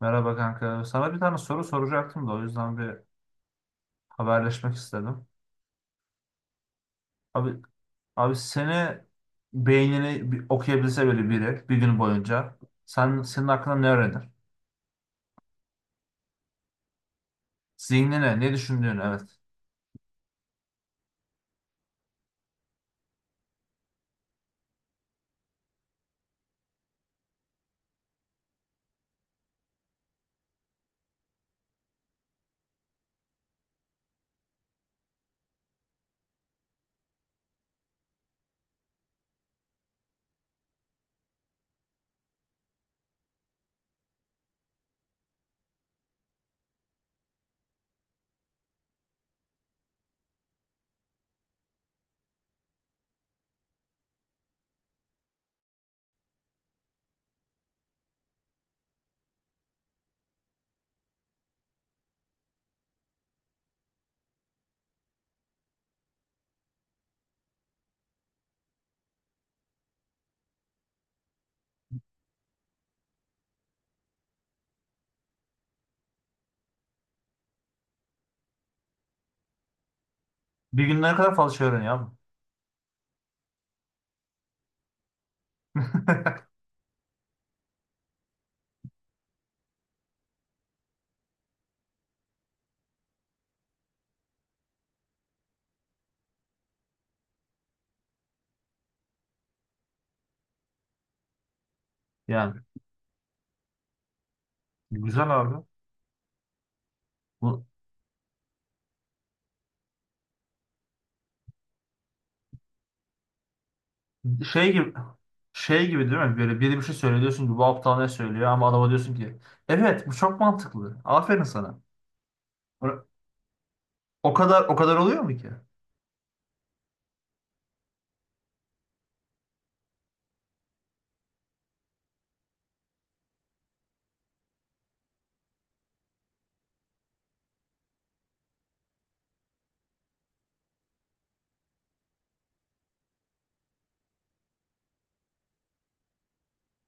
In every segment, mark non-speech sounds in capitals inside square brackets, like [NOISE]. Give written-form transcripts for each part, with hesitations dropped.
Merhaba kanka. Sana bir tane soru soracaktım da o yüzden bir haberleşmek istedim. Abi abi, beynini bir okuyabilse böyle biri bir gün boyunca senin hakkında ne öğrenir? Zihnine ne düşündüğünü, evet. Bir günde ne kadar fazla şey öğreniyor abi. [LAUGHS] Yani güzel abi. Bu şey gibi şey gibi değil mi? Böyle biri bir şey söylüyor, diyorsun ki bu aptal ne söylüyor, ama adama diyorsun ki evet, bu çok mantıklı. Aferin sana. O o kadar oluyor mu ki?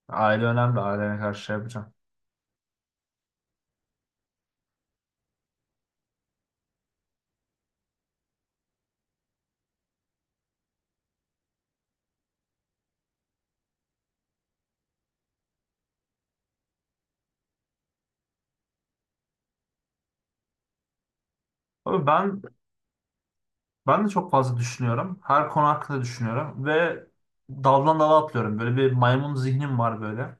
Aile önemli. Ailene karşı şey yapacağım. Abi ben de çok fazla düşünüyorum. Her konu hakkında düşünüyorum ve daldan dala atlıyorum. Böyle bir maymun zihnim var böyle.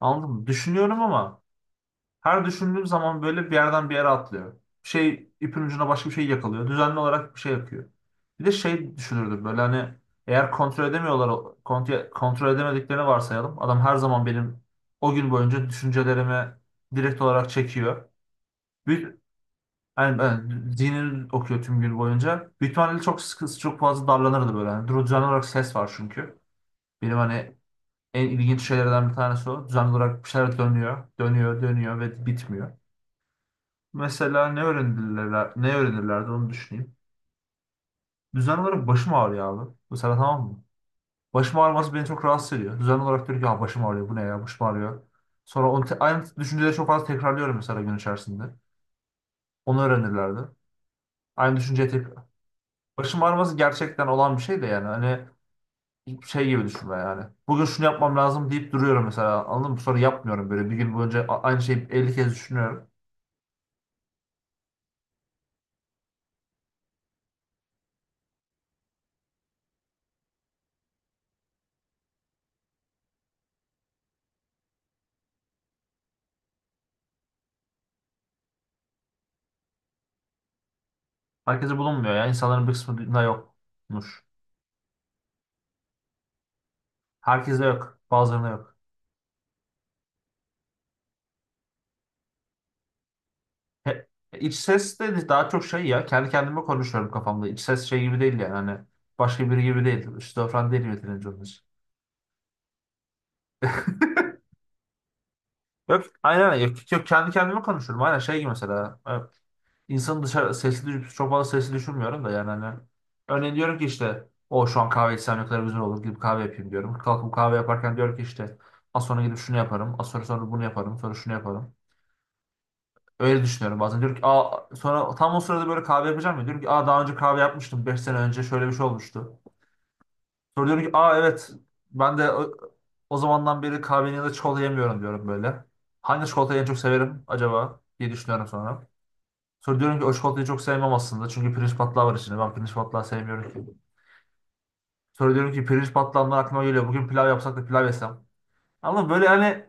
Anladın mı? Düşünüyorum ama her düşündüğüm zaman böyle bir yerden bir yere atlıyor. Bir şey ipin ucuna başka bir şey yakalıyor. Düzenli olarak bir şey yapıyor. Bir de şey düşünürdüm böyle hani, eğer kontrol edemediklerini varsayalım. Adam her zaman benim o gün boyunca düşüncelerimi direkt olarak çekiyor. Bir Yani ben zihnini okuyor tüm gün boyunca. Büyük ihtimalle çok sıkı, çok fazla darlanırdı böyle. Yani duru- düzenli olarak ses var çünkü. Benim hani en ilginç şeylerden bir tanesi o. Düzenli olarak bir şeyler dönüyor, dönüyor, dönüyor ve bitmiyor. Mesela ne öğrenirler, ne öğrenirlerdi, onu düşüneyim. Düzenli olarak başım ağrıyor abi. Mesela tamam mı? Başım ağrıması beni çok rahatsız ediyor. Düzenli olarak diyor ki ya başım ağrıyor, bu ne ya, başım ağrıyor. Sonra onu te- aynı düşünceleri çok fazla tekrarlıyorum mesela gün içerisinde. Onu öğrenirlerdi. Aynı düşünceyi tek Başım ağrıması gerçekten olan bir şey de, yani hani şey gibi düşünme yani. Bugün şunu yapmam lazım deyip duruyorum mesela, anladın mı? Sonra yapmıyorum, böyle bir gün boyunca aynı şeyi 50 kez düşünüyorum. Herkese bulunmuyor yani, insanların bir kısmında yokmuş. Herkese yok, bazılarına yok. He, iç ses de daha çok şey, ya kendi kendime konuşuyorum kafamda. İç ses şey gibi değil yani, hani başka biri gibi değil. Şizofren değil yeterince onun için. Yok aynen, yok, yok, kendi kendime konuşuyorum aynen, şey gibi mesela. Evet. İnsanın dışarı sesli çok fazla sesi düşürmüyorum da yani hani, örneğin diyorum ki işte o şu an kahve içsem ne kadar güzel olur gibi, kahve yapayım diyorum. Kalkıp kahve yaparken diyorum ki işte az sonra gidip şunu yaparım. Az sonra bunu yaparım. Sonra şunu yaparım. Öyle düşünüyorum bazen. Diyorum ki aa, sonra tam o sırada böyle kahve yapacağım ya. Diyorum ki aa, daha önce kahve yapmıştım. 5 sene önce şöyle bir şey olmuştu. Sonra diyorum ki aa evet, ben de o zamandan beri kahvenin ya da çikolata yemiyorum diyorum böyle. Hangi çikolatayı en çok severim acaba diye düşünüyorum sonra. Sonra diyorum ki o çikolatayı çok sevmem aslında. Çünkü pirinç patlağı var içinde. Ben pirinç patlağı sevmiyorum ki. Sonra diyorum ki pirinç patlağından aklıma geliyor. Bugün pilav yapsak da pilav yesem. Ama böyle hani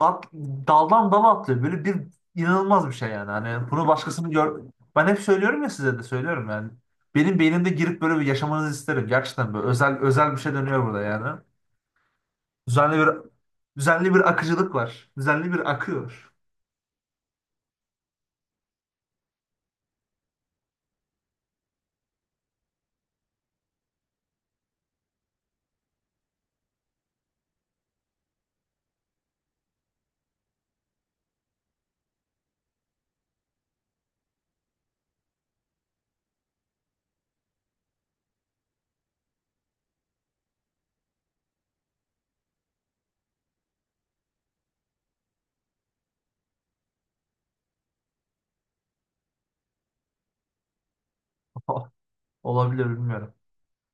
at- daldan dala atlıyor. Böyle bir inanılmaz bir şey yani. Hani bunu başkasını gör... Ben hep söylüyorum ya, size de söylüyorum yani. Benim beynimde girip böyle bir yaşamanızı isterim. Gerçekten böyle özel özel bir şey dönüyor burada yani. Düzenli bir düzenli bir akıcılık var. Düzenli bir akıyor. [LAUGHS] Olabilir, bilmiyorum.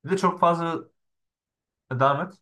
Bir de çok fazla, devam et.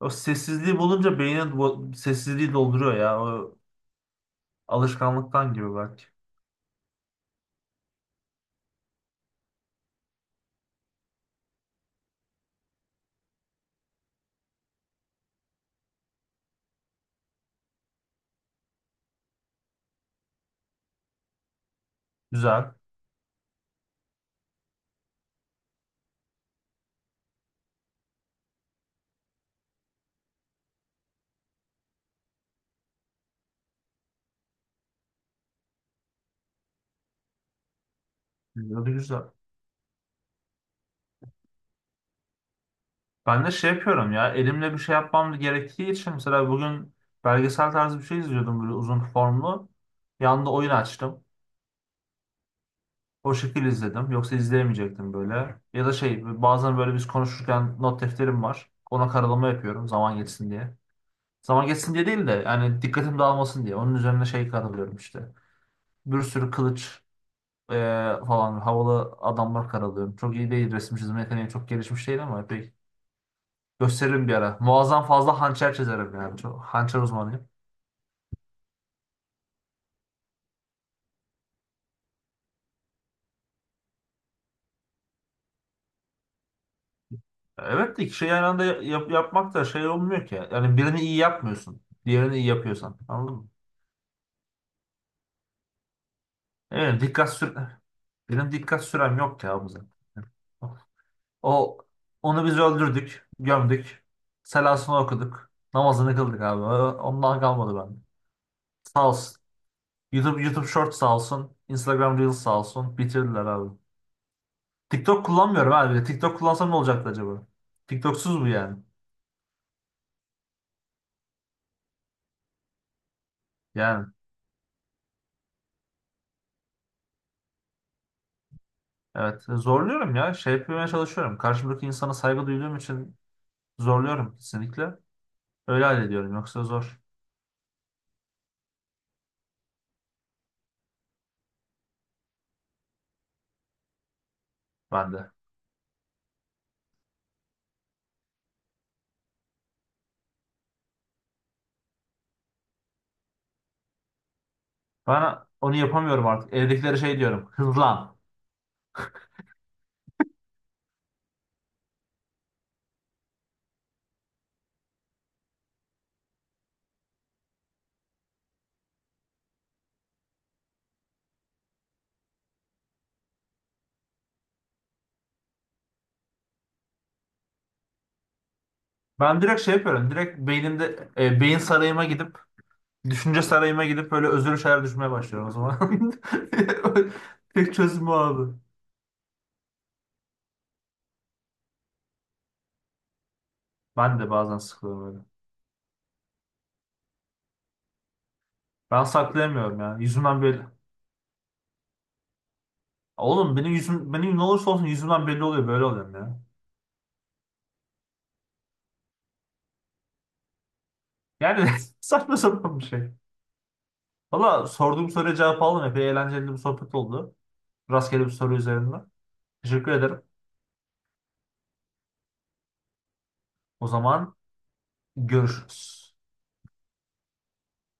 O sessizliği bulunca beynin sessizliği dolduruyor ya. O alışkanlıktan gibi belki. Güzel. Güzel, güzel. Ben de şey yapıyorum ya. Elimle bir şey yapmam gerektiği için mesela bugün belgesel tarzı bir şey izliyordum böyle, uzun formlu. Yanında oyun açtım. O şekil izledim. Yoksa izleyemeyecektim böyle. Ya da şey, bazen böyle biz konuşurken not defterim var. Ona karalama yapıyorum zaman geçsin diye. Zaman geçsin diye değil de yani, dikkatim dağılmasın diye. Onun üzerine şey karalıyorum işte. Bir sürü kılıç Ee, falan havalı adamlar karalıyorum. Çok iyi değil, resim çizme yeteneği çok gelişmiş değil, ama epey gösteririm bir ara. Muazzam fazla hançer çizerim yani. Çok hançer uzmanıyım. Evet de iki şeyi aynı anda yapmak da şey olmuyor ki. Yani birini iyi yapmıyorsun. Diğerini iyi yapıyorsan. Anladın mı? Evet, dikkat sür benim dikkat sürem yok ya bu, zaten. O onu biz öldürdük, gömdük. Selasını okuduk. Namazını kıldık abi. Ondan kalmadı bende. Sağ olsun. YouTube Shorts sağ olsun. Instagram Reels sağ olsun. Bitirdiler abi. TikTok kullanmıyorum abi. TikTok kullansam ne olacaktı acaba? TikToksuz bu yani. Yani evet, zorluyorum ya. Şey yapmaya çalışıyorum. Karşımdaki insana saygı duyduğum için zorluyorum kesinlikle. Öyle hallediyorum. Yoksa zor bende. Bana, onu yapamıyorum artık. Evdekilere şey diyorum. [LAUGHS] Hızlan. Ben direkt şey yapıyorum. Direkt beynimde e, beyin sarayıma gidip düşünce sarayıma gidip böyle özür şeyler düşünmeye başlıyorum o zaman. [LAUGHS] Tek çözüm o abi. Ben de bazen sıkılıyorum öyle. Ben saklayamıyorum ya. Yüzümden belli. Oğlum, benim yüzüm, benim ne olursa olsun yüzümden belli oluyor, böyle oluyorum ya. Yani [LAUGHS] saçma sapan bir şey. Valla sorduğum soruya cevap aldım. Epey eğlenceli bir sohbet oldu. Rastgele bir soru üzerinden. Teşekkür ederim. O zaman görüşürüz.